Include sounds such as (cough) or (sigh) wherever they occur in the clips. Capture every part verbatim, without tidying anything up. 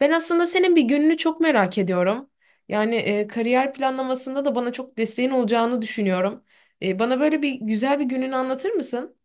Ben aslında senin bir gününü çok merak ediyorum. Yani e, kariyer planlamasında da bana çok desteğin olacağını düşünüyorum. E, bana böyle bir güzel bir gününü anlatır mısın?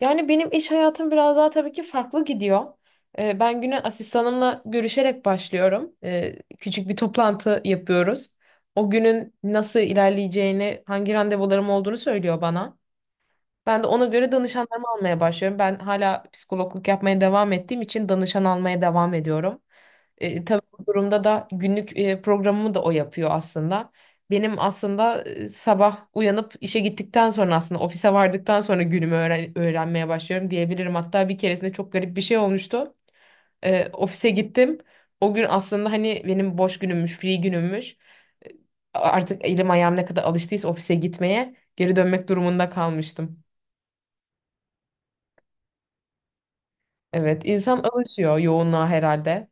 Yani benim iş hayatım biraz daha tabii ki farklı gidiyor. E, ben güne asistanımla görüşerek başlıyorum. E, küçük bir toplantı yapıyoruz. O günün nasıl ilerleyeceğini, hangi randevularım olduğunu söylüyor bana. Ben de ona göre danışanlarımı almaya başlıyorum. Ben hala psikologluk yapmaya devam ettiğim için danışan almaya devam ediyorum. E, tabii bu durumda da günlük e, programımı da o yapıyor aslında. Benim aslında e, sabah uyanıp işe gittikten sonra aslında ofise vardıktan sonra günümü öğren- öğrenmeye başlıyorum diyebilirim. Hatta bir keresinde çok garip bir şey olmuştu. E, ofise gittim. O gün aslında hani benim boş günümmüş, free günümmüş. E, Artık elim ayağım ne kadar alıştıysa ofise gitmeye geri dönmek durumunda kalmıştım. Evet, insan alışıyor yoğunluğa herhalde.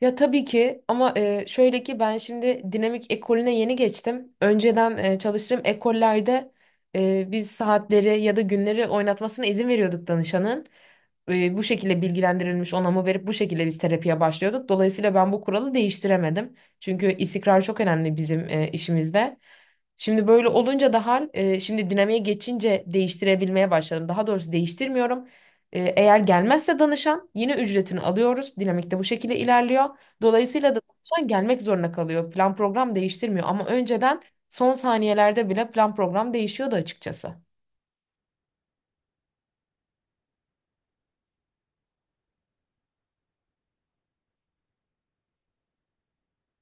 Ya tabii ki ama e, şöyle ki ben şimdi dinamik ekolüne yeni geçtim. Önceden e, çalıştığım ekollerde e, biz saatleri ya da günleri oynatmasına izin veriyorduk danışanın. e, bu şekilde bilgilendirilmiş onamı verip bu şekilde biz terapiye başlıyorduk. Dolayısıyla ben bu kuralı değiştiremedim. Çünkü istikrar çok önemli bizim e, işimizde. Şimdi böyle olunca da hal, e, şimdi dinamiğe geçince değiştirebilmeye başladım. Daha doğrusu değiştirmiyorum. E, eğer gelmezse danışan yine ücretini alıyoruz. Dinamik de bu şekilde ilerliyor. Dolayısıyla da danışan gelmek zorunda kalıyor. Plan program değiştirmiyor ama önceden son saniyelerde bile plan program değişiyordu açıkçası.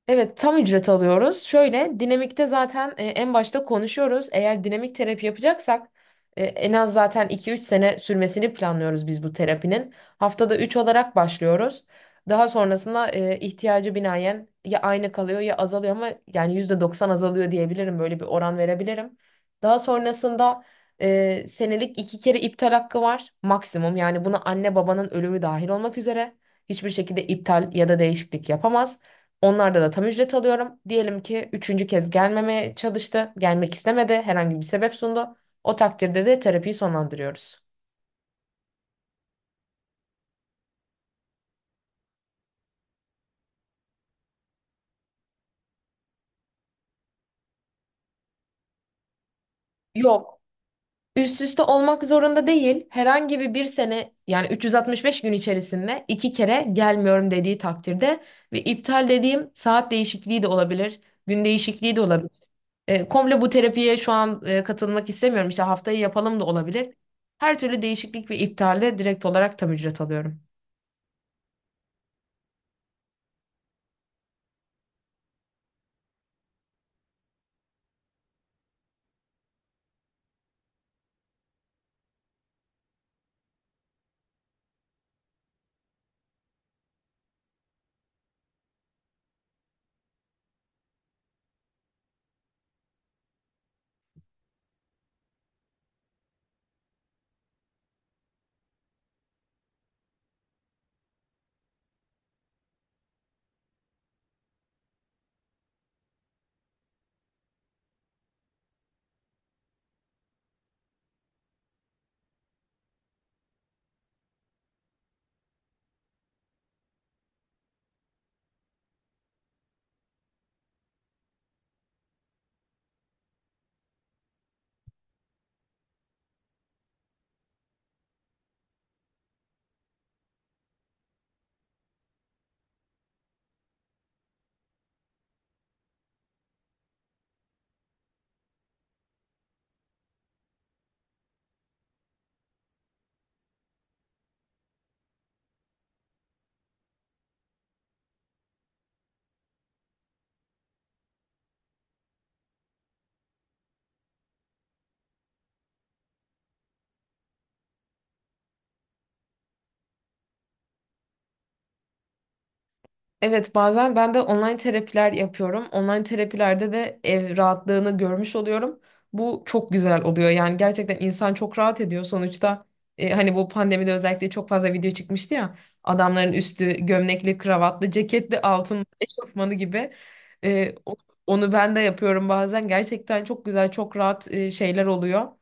Evet, tam ücret alıyoruz. Şöyle, dinamikte zaten e, en başta konuşuyoruz. Eğer dinamik terapi yapacaksak e, en az zaten iki üç sene sürmesini planlıyoruz biz bu terapinin. Haftada üç olarak başlıyoruz. Daha sonrasında e, ihtiyacı binaen ya aynı kalıyor ya azalıyor ama yani yüzde doksan azalıyor diyebilirim. Böyle bir oran verebilirim. Daha sonrasında e, senelik iki kere iptal hakkı var maksimum. Yani buna anne babanın ölümü dahil olmak üzere hiçbir şekilde iptal ya da değişiklik yapamaz. Onlarda da tam ücret alıyorum. Diyelim ki üçüncü kez gelmemeye çalıştı. Gelmek istemedi. Herhangi bir sebep sundu. O takdirde de terapiyi sonlandırıyoruz. Yok. Üst üste olmak zorunda değil. Herhangi bir bir sene, yani üç yüz altmış beş gün içerisinde iki kere gelmiyorum dediği takdirde ve iptal dediğim saat değişikliği de olabilir, gün değişikliği de olabilir. E, komple bu terapiye şu an e, katılmak istemiyorum. İşte haftayı yapalım da olabilir. Her türlü değişiklik ve iptalde direkt olarak tam ücret alıyorum. Evet, bazen ben de online terapiler yapıyorum. Online terapilerde de ev rahatlığını görmüş oluyorum. Bu çok güzel oluyor. Yani gerçekten insan çok rahat ediyor. Sonuçta e, hani bu pandemide özellikle çok fazla video çıkmıştı ya. Adamların üstü gömlekli, kravatlı, ceketli, altın (laughs) eşofmanı gibi. E, o- onu ben de yapıyorum bazen. Gerçekten çok güzel, çok rahat e, şeyler oluyor.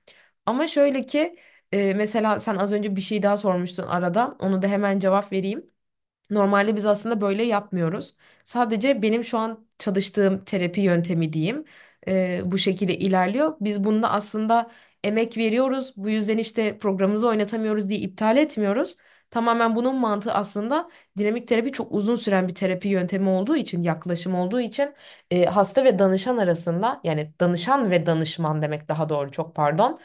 Ama şöyle ki e, mesela sen az önce bir şey daha sormuştun arada. Onu da hemen cevap vereyim. Normalde biz aslında böyle yapmıyoruz. Sadece benim şu an çalıştığım terapi yöntemi diyeyim, e, bu şekilde ilerliyor. Biz bunda aslında emek veriyoruz. Bu yüzden işte programımızı oynatamıyoruz diye iptal etmiyoruz. Tamamen bunun mantığı aslında dinamik terapi çok uzun süren bir terapi yöntemi olduğu için, yaklaşım olduğu için e, hasta ve danışan arasında, yani danışan ve danışman demek daha doğru, çok pardon,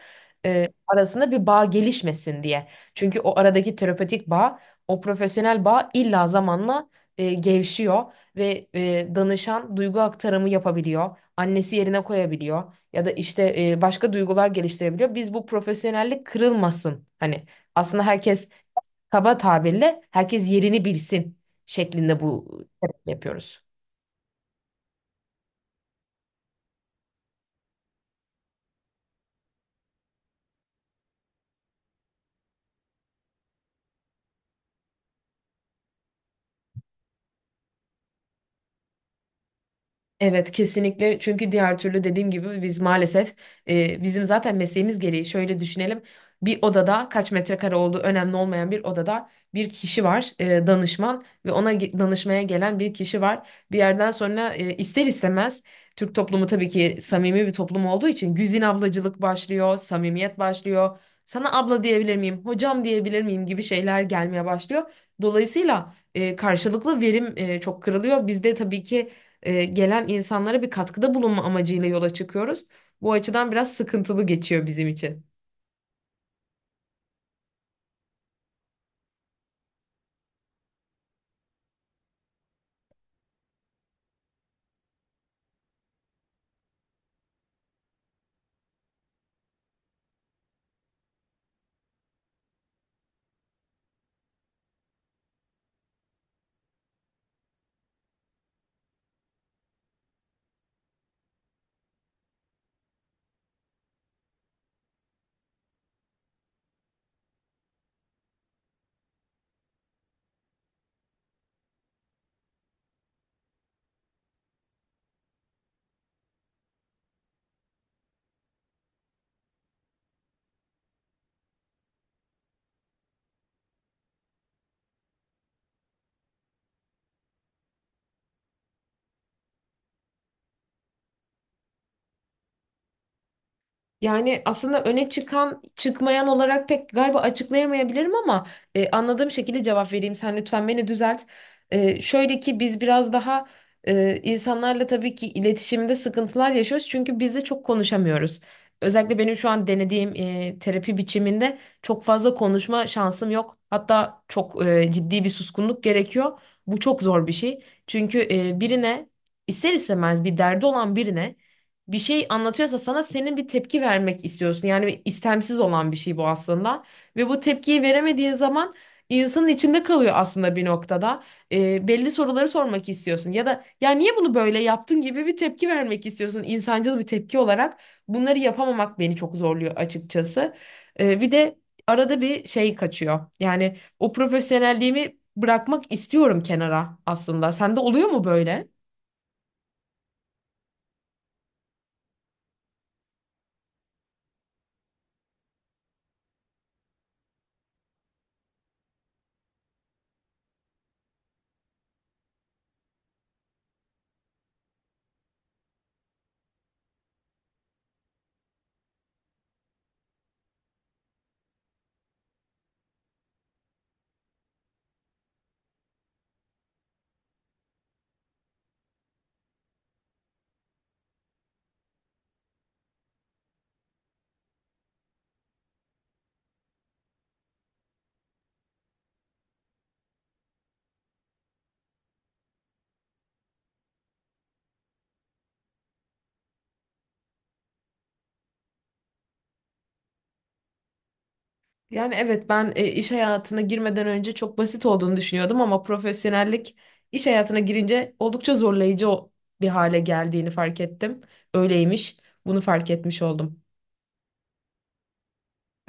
e, arasında bir bağ gelişmesin diye. Çünkü o aradaki terapötik bağ, o profesyonel bağ illa zamanla e, gevşiyor ve e, danışan duygu aktarımı yapabiliyor. Annesi yerine koyabiliyor ya da işte e, başka duygular geliştirebiliyor. Biz bu profesyonellik kırılmasın, hani, aslında herkes, kaba tabirle, herkes yerini bilsin şeklinde bu yapıyoruz. Evet, kesinlikle, çünkü diğer türlü, dediğim gibi, biz maalesef e, bizim zaten mesleğimiz gereği şöyle düşünelim: bir odada, kaç metrekare olduğu önemli olmayan bir odada bir kişi var, e, danışman, ve ona ge- danışmaya gelen bir kişi var, bir yerden sonra e, ister istemez, Türk toplumu tabii ki samimi bir toplum olduğu için, güzin ablacılık başlıyor, samimiyet başlıyor, sana abla diyebilir miyim, hocam diyebilir miyim gibi şeyler gelmeye başlıyor, dolayısıyla e, karşılıklı verim e, çok kırılıyor bizde. Tabii ki e, gelen insanlara bir katkıda bulunma amacıyla yola çıkıyoruz. Bu açıdan biraz sıkıntılı geçiyor bizim için. Yani aslında öne çıkan çıkmayan olarak pek, galiba, açıklayamayabilirim ama e, anladığım şekilde cevap vereyim. Sen lütfen beni düzelt. E, şöyle ki biz biraz daha e, insanlarla tabii ki iletişimde sıkıntılar yaşıyoruz çünkü biz de çok konuşamıyoruz. Özellikle benim şu an denediğim e, terapi biçiminde çok fazla konuşma şansım yok. Hatta çok e, ciddi bir suskunluk gerekiyor. Bu çok zor bir şey. Çünkü e, birine, ister istemez bir derdi olan birine bir şey anlatıyorsa sana, senin bir tepki vermek istiyorsun. Yani istemsiz olan bir şey bu aslında. Ve bu tepkiyi veremediğin zaman insanın içinde kalıyor aslında bir noktada. Ee, belli soruları sormak istiyorsun ya da ya niye bunu böyle yaptın gibi bir tepki vermek istiyorsun, insancıl bir tepki olarak. Bunları yapamamak beni çok zorluyor açıkçası. Ee, bir de arada bir şey kaçıyor. Yani o profesyonelliğimi bırakmak istiyorum kenara aslında. Sende oluyor mu böyle? Yani evet, ben e, iş hayatına girmeden önce çok basit olduğunu düşünüyordum ama profesyonellik iş hayatına girince oldukça zorlayıcı o- bir hale geldiğini fark ettim. Öyleymiş. Bunu fark etmiş oldum.